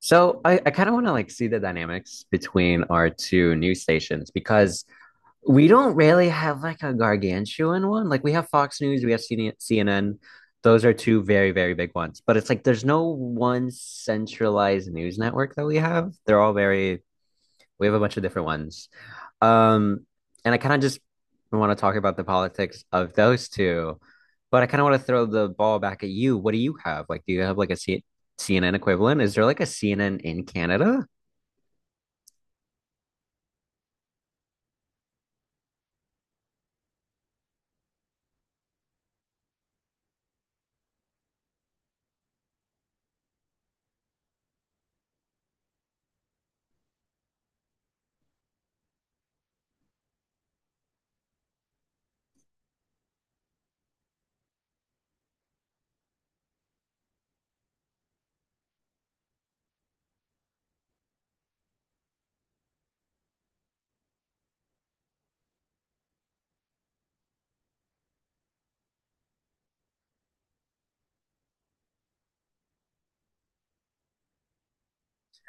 So I kind of want to like see the dynamics between our two news stations because we don't really have like a gargantuan one. Like we have Fox News, we have CNN. Those are two very, very big ones. But it's like there's no one centralized news network that we have. They're all very we have a bunch of different ones. Um, and I kind of just want to talk about the politics of those two, but I kind of want to throw the ball back at you. What do you have? Like, do you have like a CNN equivalent? Is there like a CNN in Canada?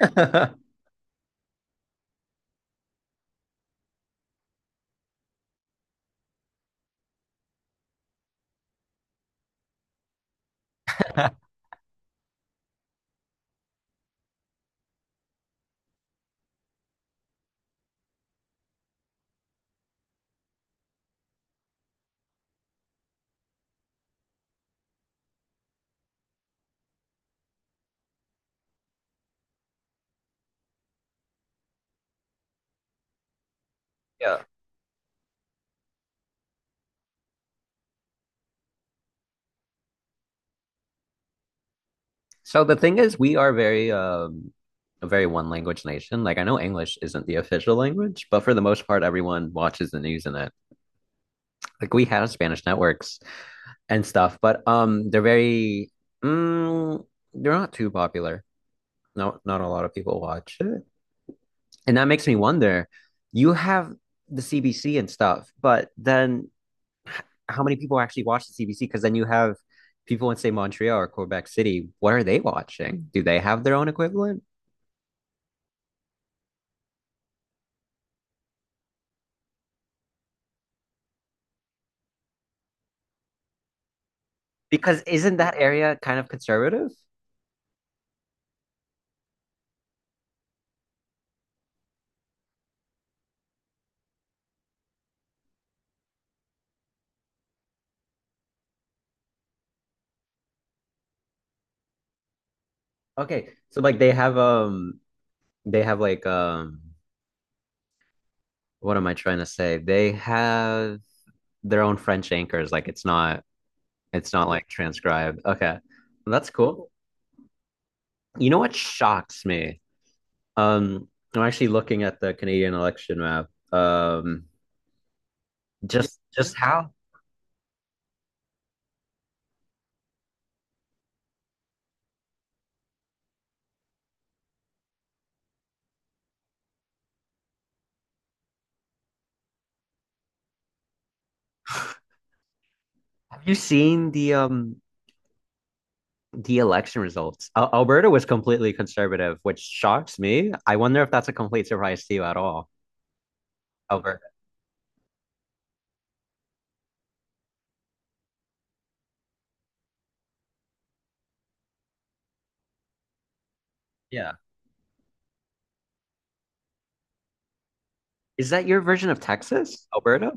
Yeah. So the thing is, we are very a very one language nation. Like I know English isn't the official language, but for the most part, everyone watches the news in it. Like we have Spanish networks and stuff, but they're very mm, they're not too popular. Not a lot of people watch it. And that makes me wonder, you have the CBC and stuff, but then how many people actually watch the CBC? Because then you have people in say Montreal or Quebec City. What are they watching? Do they have their own equivalent? Because isn't that area kind of conservative? Okay, so like they have like what am I trying to say? They have their own French anchors. Like it's not like transcribed. Okay, that's cool. You know what shocks me. Um, I'm actually looking at the Canadian election map. Just how have you seen the election results? Al Alberta was completely conservative, which shocks me. I wonder if that's a complete surprise to you at all, Alberta. Yeah. Is that your version of Texas, Alberta?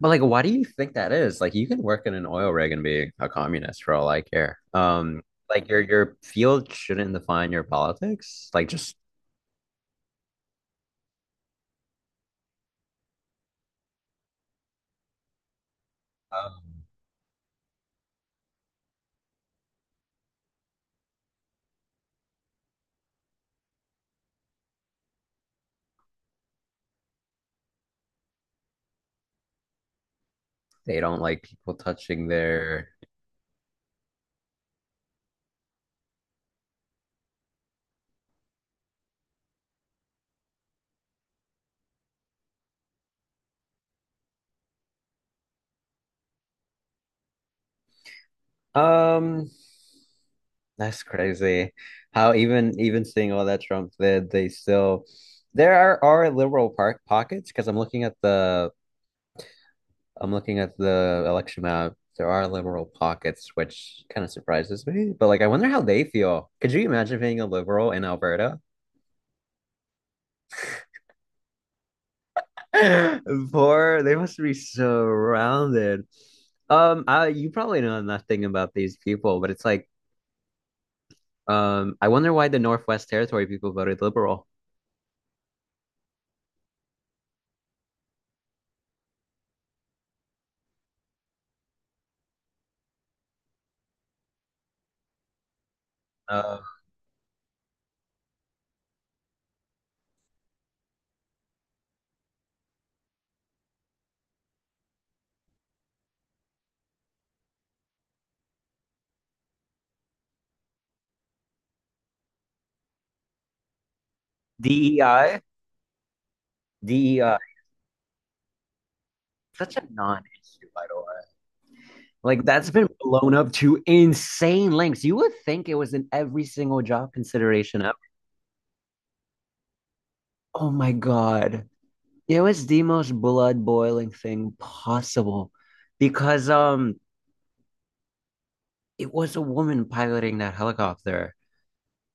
But like, why do you think that is? Like, you can work in an oil rig and be a communist for all I care. Like your field shouldn't define your politics. Like, just um, they don't like people touching their. Um, that's crazy. How even seeing all that Trump did, they still there are liberal park pockets because I'm looking at the I'm looking at the election map. There are liberal pockets, which kind of surprises me. But like, I wonder how they feel. Could you imagine being a liberal in Alberta? Poor, they must be surrounded. You probably know nothing about these people, but it's like, I wonder why the Northwest Territory people voted liberal. Uh, DEI, DEI, such a non-issue, by the way. Like that's been blown up to insane lengths. You would think it was in every single job consideration ever. Oh my God. It was the most blood boiling thing possible because it was a woman piloting that helicopter.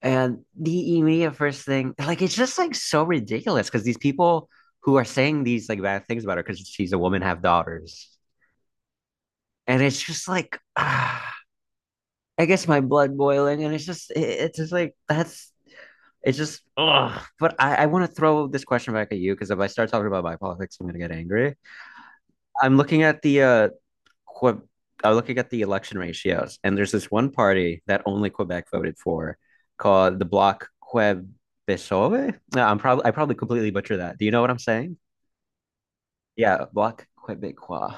And the immediate first thing, like it's just like so ridiculous because these people who are saying these like bad things about her because she's a woman have daughters. And it's just like ah, I guess my blood boiling, and it's just, it's just like it's just, ugh. But I want to throw this question back at you because if I start talking about my politics, I'm gonna get angry. I'm looking at the Que- I'm looking at the election ratios, and there's this one party that only Quebec voted for, called the Bloc Québécois. No, I'm probably, I probably completely butcher that. Do you know what I'm saying? Yeah, Bloc Québécois.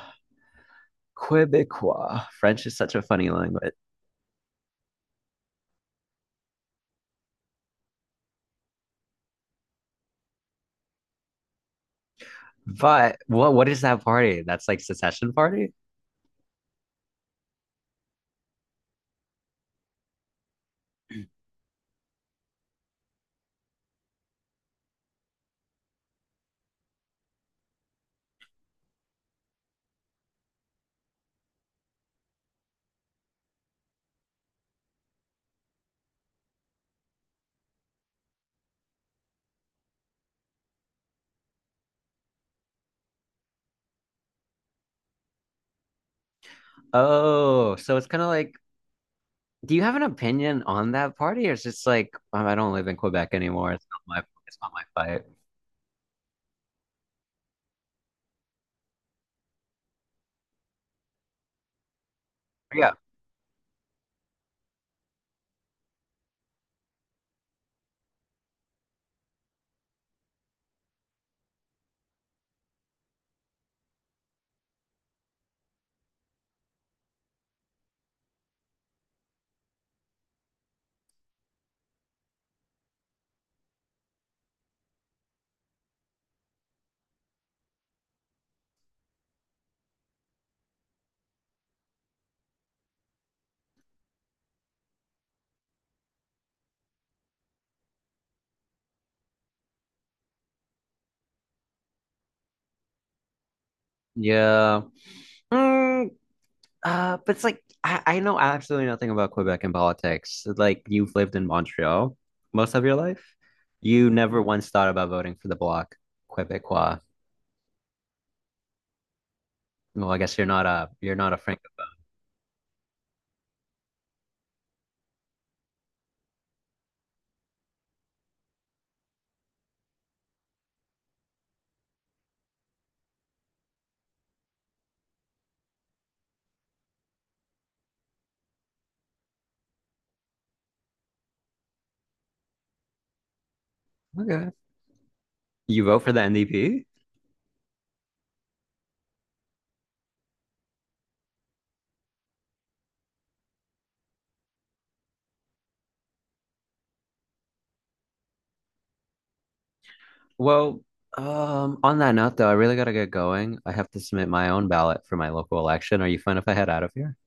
Québécois. French is such a funny language. But what is that party? That's like secession party? Oh, so it's kind of like, do you have an opinion on that party, or it's just like, I don't live in Quebec anymore. It's not my fight. Yeah, yeah. Mm, but it's like I know absolutely nothing about Quebec and politics. Like you've lived in Montreal most of your life. You never once thought about voting for the Bloc Québécois. Well, I guess you're not a Francophone. Okay. You vote for the NDP? Well, on that note, though, I really gotta get going. I have to submit my own ballot for my local election. Are you fine if I head out of here?